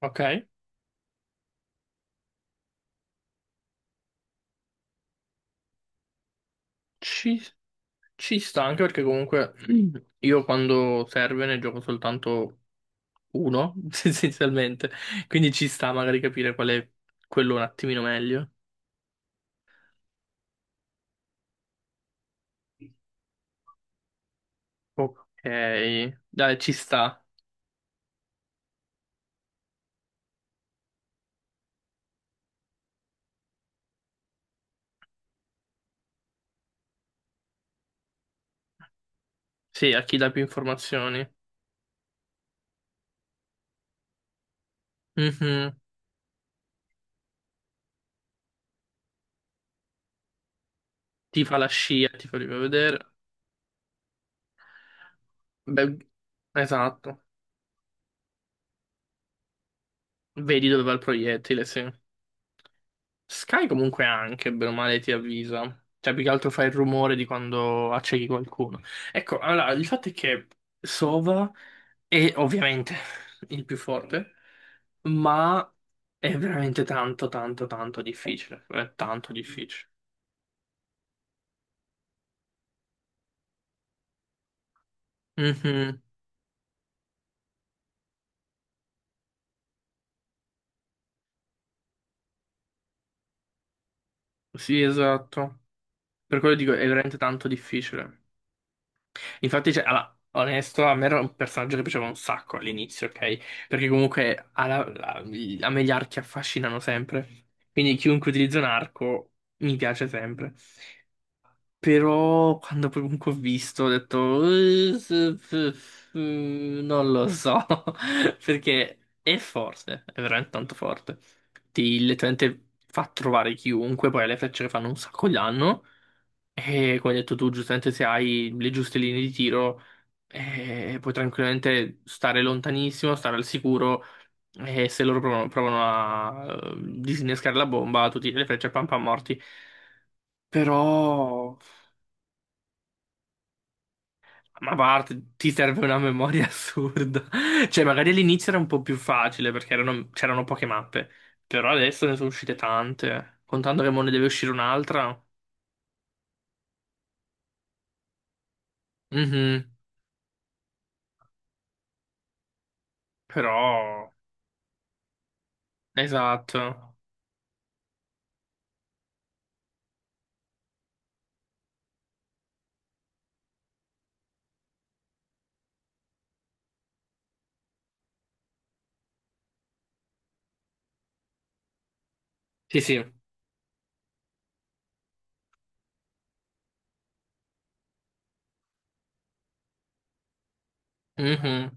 Ok, ci, ci sta anche perché comunque io quando serve ne gioco soltanto uno, essenzialmente, quindi ci sta magari capire qual è quello un attimino meglio. Ok, dai, ci sta. Sì, a chi dà più informazioni. Mhm. Ti fa la scia, ti fa vedere. Beh, esatto, vedi dove va il proiettile, sì. Sky comunque anche, bene o male, ti avvisa. Cioè, più che altro fa il rumore di quando accechi qualcuno. Ecco, allora, il fatto è che Sova è ovviamente il più forte, ma è veramente tanto, tanto, tanto difficile. È tanto difficile. Mhm. Sì, esatto. Per quello dico, è veramente tanto difficile. Infatti, cioè, allora, onesto, a me era un personaggio che piaceva un sacco all'inizio, ok? Perché comunque a me gli archi affascinano sempre. Quindi chiunque utilizza un arco mi piace sempre. Però quando poi comunque ho visto, ho detto... Non lo so." Perché è forte, è veramente tanto forte. Ti letteralmente fa trovare chiunque, poi ha le frecce che fanno un sacco di danno. E come hai detto tu, giustamente, se hai le giuste linee di tiro, puoi tranquillamente stare lontanissimo, stare al sicuro. E se loro provano a disinnescare la bomba, tu tiri le frecce pam pam morti. Però, ma a parte, ti serve una memoria assurda. Cioè, magari all'inizio era un po' più facile perché c'erano poche mappe. Però adesso ne sono uscite tante. Contando che mo ne deve uscire un'altra. Mhm. Però, esatto. Sì, sì. Mhm.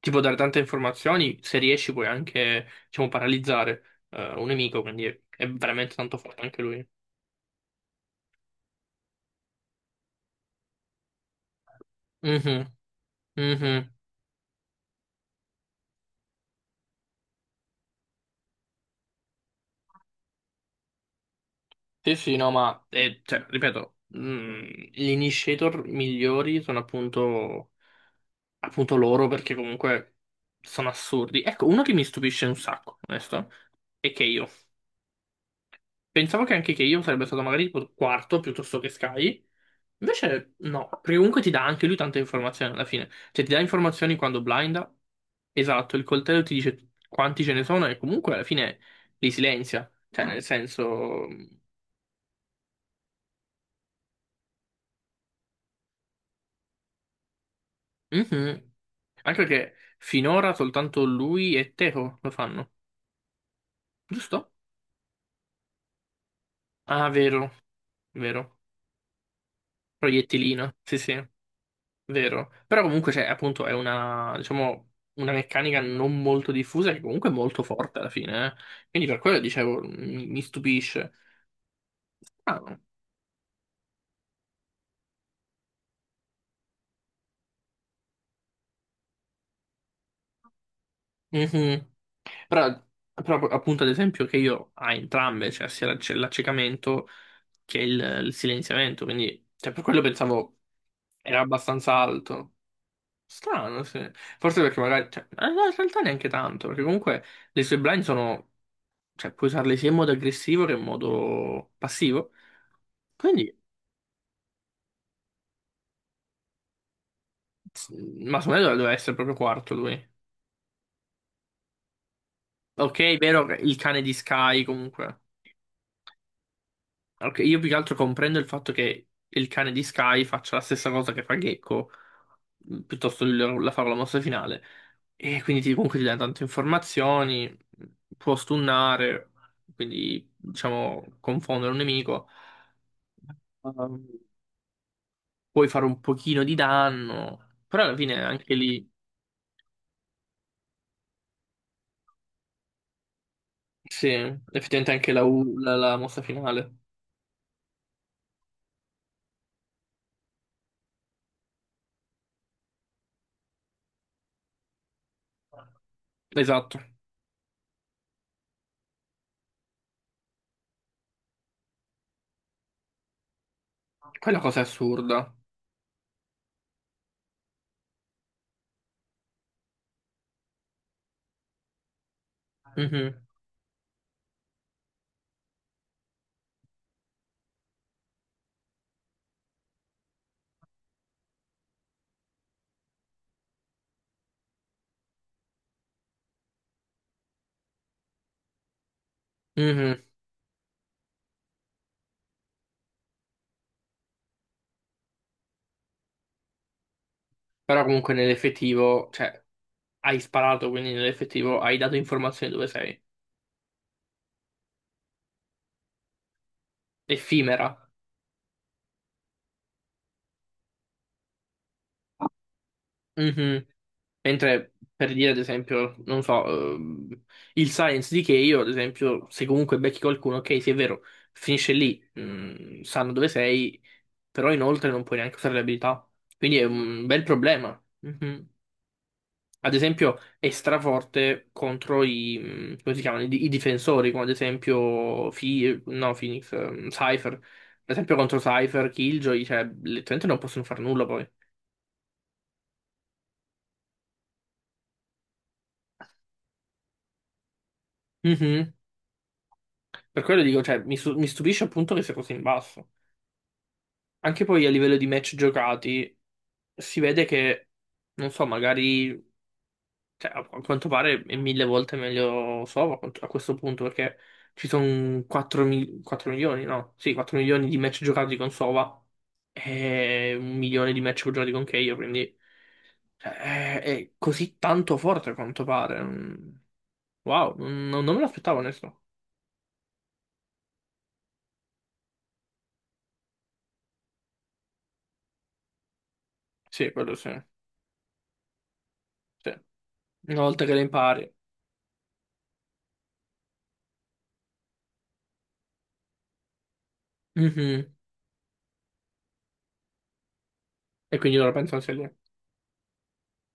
Ti può dare tante informazioni, se riesci puoi anche, diciamo, paralizzare un nemico, quindi è veramente tanto forte anche lui. Mhm, mhm. Sì, sì, no, ma, cioè, ripeto, gli initiator migliori sono appunto loro perché comunque sono assurdi. Ecco, uno che mi stupisce un sacco, onesto, è Keio. Pensavo che anche Keio sarebbe stato magari tipo quarto piuttosto che Sky. Invece no, perché comunque ti dà anche lui tante informazioni alla fine. Cioè ti dà informazioni quando blinda. Esatto, il coltello ti dice quanti ce ne sono e comunque alla fine li silenzia. Cioè nel senso... Mhm. Anche perché finora soltanto lui e Teco lo fanno, giusto? Ah, vero, vero. Proiettilino, sì sì. Vero, però comunque c'è appunto è una, diciamo, una meccanica non molto diffusa che comunque è molto forte alla fine, eh. Quindi per quello dicevo, mi stupisce. Ah, mhm. Però, però appunto ad esempio che io ha entrambe, cioè sia l'accecamento che il silenziamento, quindi cioè, per quello pensavo era abbastanza alto. Strano, sì. Forse perché magari... Cioè, no, in realtà neanche tanto, perché comunque le sue blind sono... Cioè, puoi usarle sia in modo aggressivo che in modo passivo. Quindi, s- ma secondo me doveva essere proprio quarto lui. Ok, vero che il cane di Sky comunque. Ok, io più che altro comprendo il fatto che il cane di Sky faccia la stessa cosa che fa Gecko, piuttosto la favola mossa finale. E quindi comunque ti dà tante informazioni, può stunnare, quindi diciamo confondere un nemico. Um, Puoi fare un pochino di danno, però alla fine anche lì, sì, effettivamente anche la mossa finale. Esatto, quella cosa è assurda. Mhm. Mhm. Però comunque nell'effettivo, cioè, hai sparato, quindi nell'effettivo hai dato informazioni dove sei. Effimera. Mhm. Mentre per dire, ad esempio, non so, ehm, il science di Kay, io, ad esempio, se comunque becchi qualcuno, ok, sì, è vero, finisce lì, sanno dove sei, però inoltre non puoi neanche usare le abilità. Quindi è un bel problema. Mhm. Ad esempio, è straforte contro come si chiamano, i difensori, come ad esempio no, Phoenix, Cypher. Ad esempio contro Cypher, Killjoy, cioè, letteralmente non possono fare nulla poi. Mhm. Per quello dico, cioè, mi stupisce appunto che sia così in basso. Anche poi a livello di match giocati, si vede che, non so, magari. Cioè, a quanto pare è mille volte meglio Sova a questo punto, perché ci sono 4 milioni, no? Sì, 4 milioni di match giocati con Sova e 1 milione di match giocati con Keio, quindi cioè, è così tanto forte a quanto pare. Mm. Wow, non me l'aspettavo, onesto. Sì, quello sì, sì. Una volta che le impari. Mhm. E quindi loro pensano sia lì.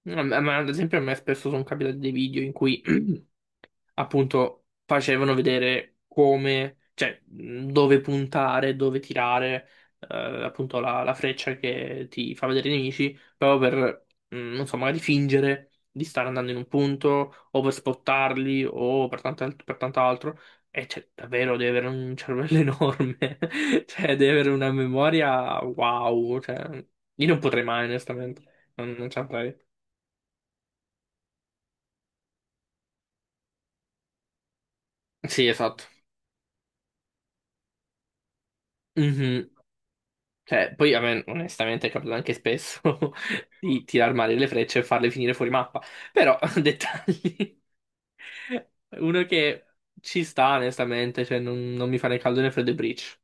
No, Ma ad esempio a me spesso sono capitati dei video in cui appunto facevano vedere come, cioè dove puntare, dove tirare, appunto la freccia che ti fa vedere i nemici, proprio per, non so, magari fingere di stare andando in un punto, o per spottarli, o per per tant'altro. E cioè, davvero devi avere un cervello enorme, cioè devi avere una memoria wow, cioè io non potrei mai onestamente, non saprei. Sì, esatto. Mhm. Cioè, poi a me onestamente è capitato anche spesso di tirar male le frecce e farle finire fuori mappa. Però, dettagli. Uno che ci sta, onestamente, cioè non mi fa né caldo né freddo e Breach.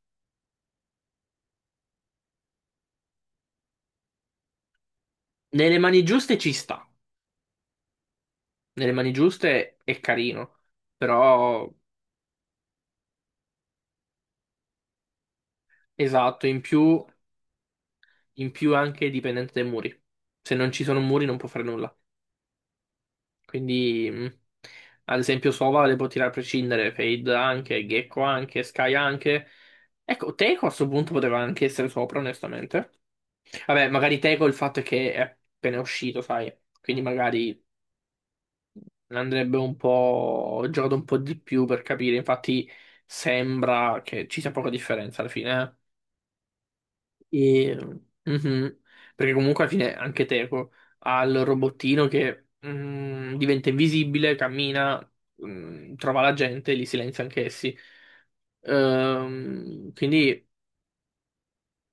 Nelle mani giuste ci sta. Nelle mani giuste è carino. Però, esatto, in più anche è dipendente dai muri. Se non ci sono muri non può fare nulla. Quindi, ad esempio, Sova le può tirare a prescindere, Fade anche, Gecko anche, Sky anche. Ecco, Teco a questo punto poteva anche essere sopra, onestamente. Vabbè, magari Teco il fatto è che è appena uscito, sai, quindi magari andrebbe un po' giocato un po' di più per capire. Infatti, sembra che ci sia poca differenza alla fine, eh. E, mhm. Perché comunque alla fine anche Teco ha il robottino che diventa invisibile, cammina, trova la gente, li silenzia anch'essi. Quindi,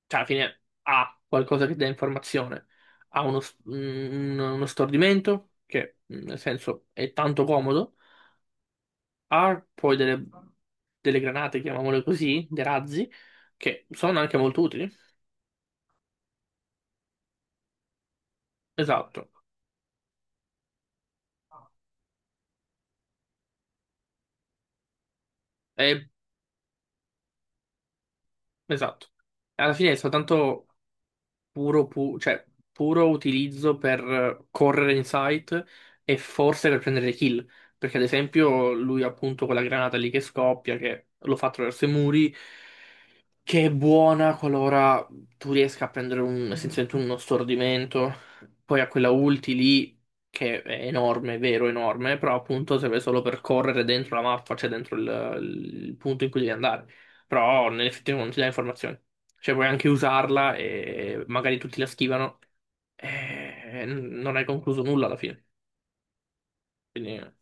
cioè, alla fine ha qualcosa che dà informazione, ha uno stordimento, che nel senso è tanto comodo, ha poi delle granate, chiamiamole così, dei razzi, che sono anche molto utili. Esatto. Esatto. Alla fine è soltanto cioè, puro utilizzo per correre in sight e forse per prendere kill. Perché, ad esempio, lui appunto quella granata lì che scoppia, che lo fa attraverso i muri, che è buona qualora tu riesca a prendere essenzialmente uno stordimento. Poi ha quella ulti lì, che è enorme, è vero, enorme, però appunto serve solo per correre dentro la mappa, cioè dentro il punto in cui devi andare. Però nell'effettivo non ti dà informazioni. Cioè puoi anche usarla e magari tutti la schivano e non hai concluso nulla alla fine. Quindi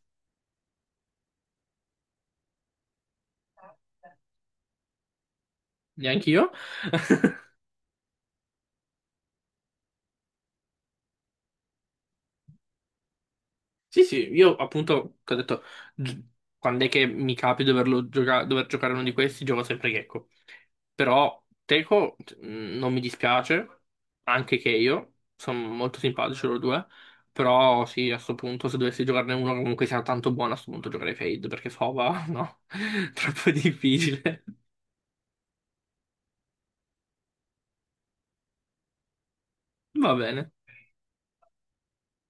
neanche io. Sì, sì, io appunto, che ho detto, gi- quando è che mi capi dover giocare uno di questi, gioco sempre Gecko. Però Teco non mi dispiace, anche che io, sono molto simpatici loro due, però sì, a questo punto se dovessi giocarne uno che comunque sia tanto buono, a questo punto giocherei Fade, perché Fova, no, troppo difficile. Va bene.